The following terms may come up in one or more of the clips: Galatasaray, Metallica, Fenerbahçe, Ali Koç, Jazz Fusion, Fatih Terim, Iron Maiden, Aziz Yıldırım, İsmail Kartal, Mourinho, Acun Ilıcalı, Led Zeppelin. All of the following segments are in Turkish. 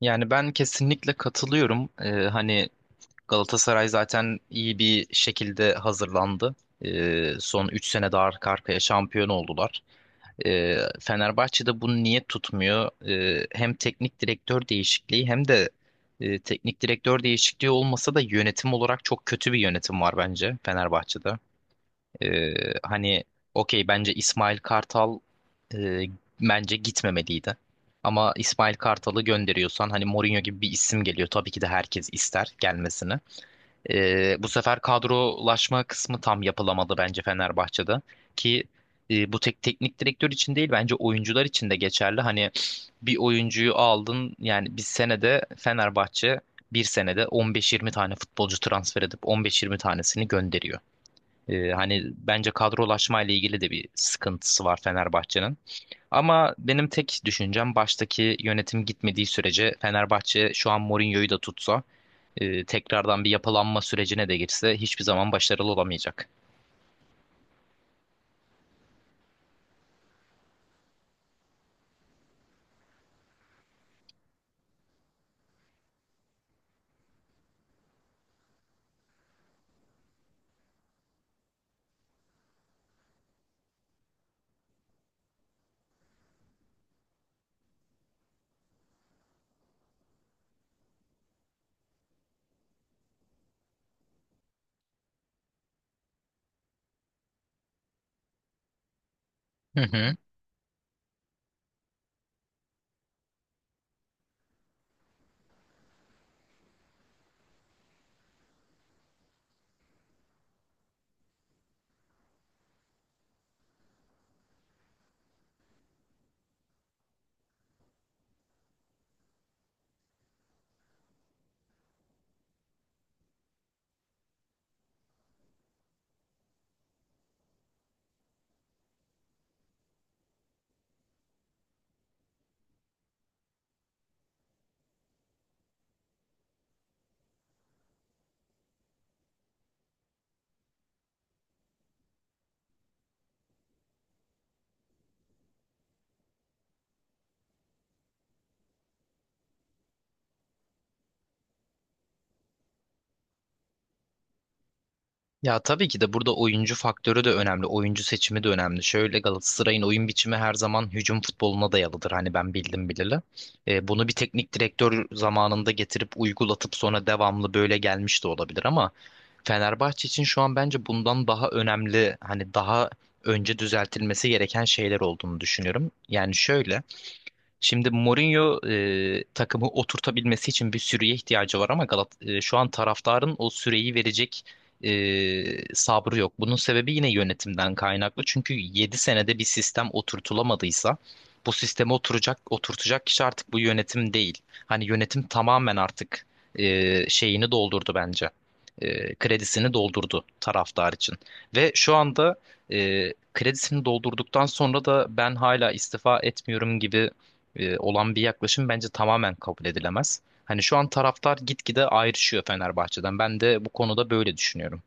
Yani ben kesinlikle katılıyorum. Galatasaray zaten iyi bir şekilde hazırlandı. Son 3 sene de arka arkaya şampiyon oldular. Fenerbahçe'de bunu niye tutmuyor? Hem teknik direktör değişikliği hem de teknik direktör değişikliği olmasa da yönetim olarak çok kötü bir yönetim var bence Fenerbahçe'de. Ee, hani okey bence İsmail Kartal e, bence gitmemeliydi. Ama İsmail Kartal'ı gönderiyorsan hani Mourinho gibi bir isim geliyor. Tabii ki de herkes ister gelmesini. Bu sefer kadrolaşma kısmı tam yapılamadı bence Fenerbahçe'de. Ki bu tek teknik direktör için değil bence oyuncular için de geçerli. Hani bir oyuncuyu aldın yani bir senede Fenerbahçe bir senede 15-20 tane futbolcu transfer edip 15-20 tanesini gönderiyor. Hani bence kadrolaşma ile ilgili de bir sıkıntısı var Fenerbahçe'nin. Ama benim tek düşüncem baştaki yönetim gitmediği sürece Fenerbahçe şu an Mourinho'yu da tutsa tekrardan bir yapılanma sürecine de girse hiçbir zaman başarılı olamayacak. Hı hı. Ya tabii ki de burada oyuncu faktörü de önemli, oyuncu seçimi de önemli. Şöyle Galatasaray'ın oyun biçimi her zaman hücum futboluna dayalıdır. Hani ben bildim bileli. Bunu bir teknik direktör zamanında getirip uygulatıp sonra devamlı böyle gelmiş de olabilir ama Fenerbahçe için şu an bence bundan daha önemli hani daha önce düzeltilmesi gereken şeyler olduğunu düşünüyorum. Yani şöyle, şimdi Mourinho takımı oturtabilmesi için bir süreye ihtiyacı var ama Galat şu an taraftarın o süreyi verecek e, sabrı yok. Bunun sebebi yine yönetimden kaynaklı. Çünkü 7 senede bir sistem oturtulamadıysa bu sisteme oturtacak kişi artık bu yönetim değil. Hani yönetim tamamen artık şeyini doldurdu bence. Kredisini doldurdu taraftar için. Ve şu anda kredisini doldurduktan sonra da ben hala istifa etmiyorum gibi olan bir yaklaşım bence tamamen kabul edilemez. Hani şu an taraftar gitgide ayrışıyor Fenerbahçe'den. Ben de bu konuda böyle düşünüyorum.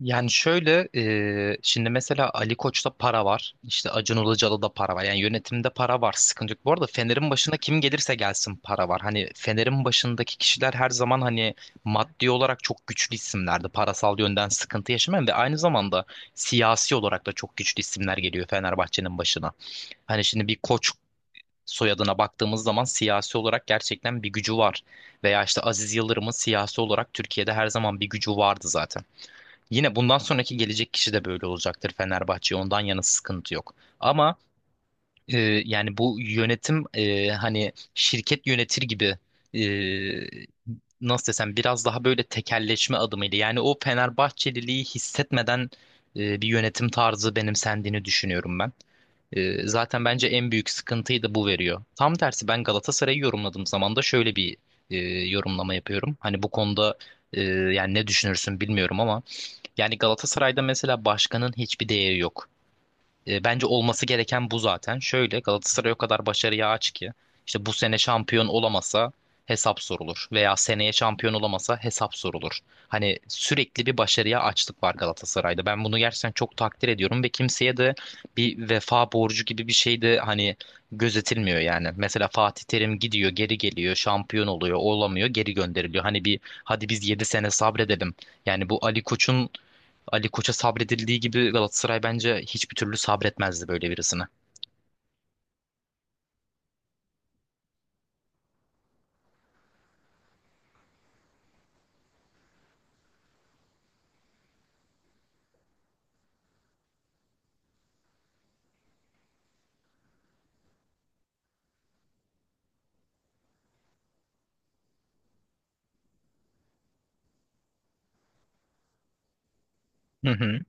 Yani şöyle, şimdi mesela Ali Koç'ta para var. İşte Acun Ilıcalı'da da para var. Yani yönetimde para var. Sıkıntı yok. Bu arada Fener'in başına kim gelirse gelsin para var. Hani Fener'in başındaki kişiler her zaman hani maddi olarak çok güçlü isimlerdi. Parasal yönden sıkıntı yaşamayan ve aynı zamanda siyasi olarak da çok güçlü isimler geliyor Fenerbahçe'nin başına. Hani şimdi bir koç soyadına baktığımız zaman siyasi olarak gerçekten bir gücü var. Veya işte Aziz Yıldırım'ın siyasi olarak Türkiye'de her zaman bir gücü vardı zaten. Yine bundan sonraki gelecek kişi de böyle olacaktır Fenerbahçe'ye ondan yana sıkıntı yok. Ama ee, yani bu yönetim hani şirket yönetir gibi, e, nasıl desem biraz daha böyle tekelleşme adımıydı. Yani o Fenerbahçeliliği hissetmeden bir yönetim tarzı benimsendiğini düşünüyorum ben. Zaten bence en büyük sıkıntıyı da bu veriyor. Tam tersi ben Galatasaray'ı yorumladığım zaman da şöyle bir e, yorumlama yapıyorum. Hani bu konuda yani ne düşünürsün bilmiyorum ama yani Galatasaray'da mesela başkanın hiçbir değeri yok. Bence olması gereken bu zaten. Şöyle Galatasaray o kadar başarıya aç ki işte bu sene şampiyon olamasa hesap sorulur veya seneye şampiyon olamasa hesap sorulur. Hani sürekli bir başarıya açlık var Galatasaray'da. Ben bunu gerçekten çok takdir ediyorum ve kimseye de bir vefa borcu gibi bir şey de hani gözetilmiyor yani. Mesela Fatih Terim gidiyor, geri geliyor, şampiyon oluyor, olamıyor, geri gönderiliyor. Hani bir hadi biz 7 sene sabredelim. Yani bu Ali Koç'a sabredildiği gibi Galatasaray bence hiçbir türlü sabretmezdi böyle birisine. Hı hı.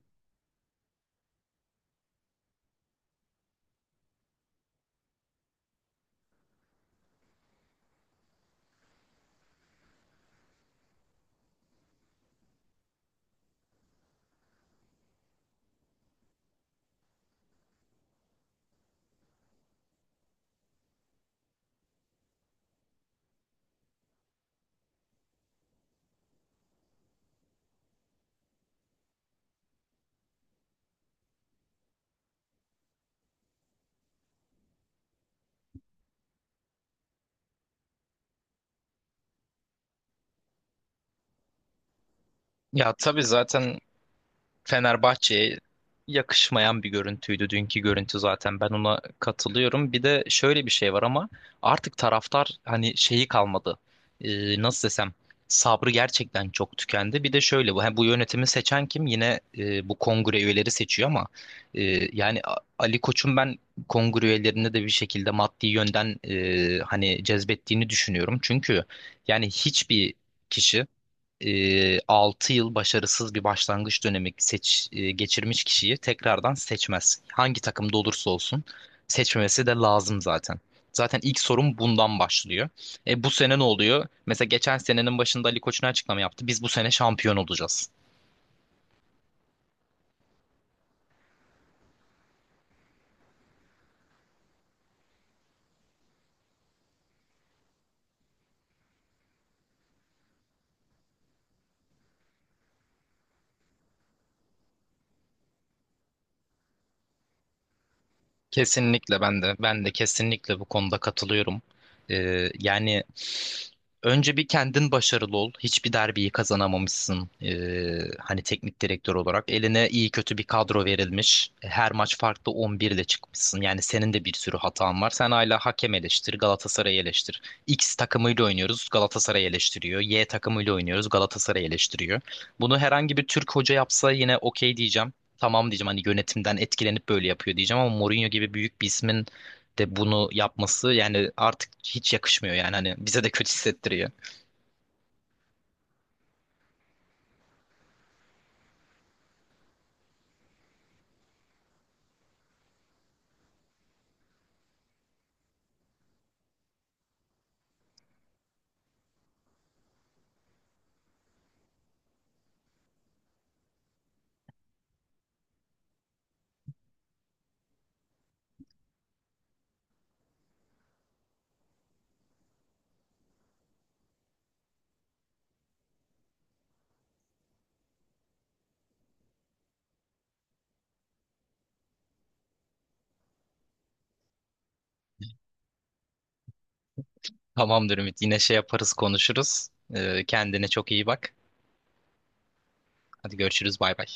Ya tabii zaten Fenerbahçe'ye yakışmayan bir görüntüydü dünkü görüntü zaten. Ben ona katılıyorum. Bir de şöyle bir şey var ama artık taraftar hani şeyi kalmadı. Nasıl desem sabrı gerçekten çok tükendi. Bir de şöyle bu ha, bu yönetimi seçen kim? Yine bu kongre üyeleri seçiyor ama e, yani Ali Koç'un ben kongre üyelerinde de bir şekilde maddi yönden hani cezbettiğini düşünüyorum. Çünkü yani hiçbir kişi 6 yıl başarısız bir başlangıç dönemi geçirmiş kişiyi tekrardan seçmez. Hangi takımda olursa olsun seçmemesi de lazım zaten. Zaten ilk sorun bundan başlıyor. E, bu sene ne oluyor? Mesela geçen senenin başında Ali Koç'un açıklama yaptı. Biz bu sene şampiyon olacağız. Kesinlikle ben de kesinlikle bu konuda katılıyorum. Yani önce bir kendin başarılı ol. Hiçbir derbiyi kazanamamışsın. Hani teknik direktör olarak eline iyi kötü bir kadro verilmiş. Her maç farklı 11 ile çıkmışsın. Yani senin de bir sürü hatan var. Sen hala hakem eleştir, Galatasaray'ı eleştir. X takımıyla oynuyoruz, Galatasaray eleştiriyor. Y takımıyla oynuyoruz, Galatasaray eleştiriyor. Bunu herhangi bir Türk hoca yapsa yine okey diyeceğim, tamam diyeceğim, hani yönetimden etkilenip böyle yapıyor diyeceğim ama Mourinho gibi büyük bir ismin de bunu yapması yani artık hiç yakışmıyor yani hani bize de kötü hissettiriyor. Tamamdır Ümit, yine şey yaparız konuşuruz. Kendine çok iyi bak. Hadi görüşürüz, bay bay.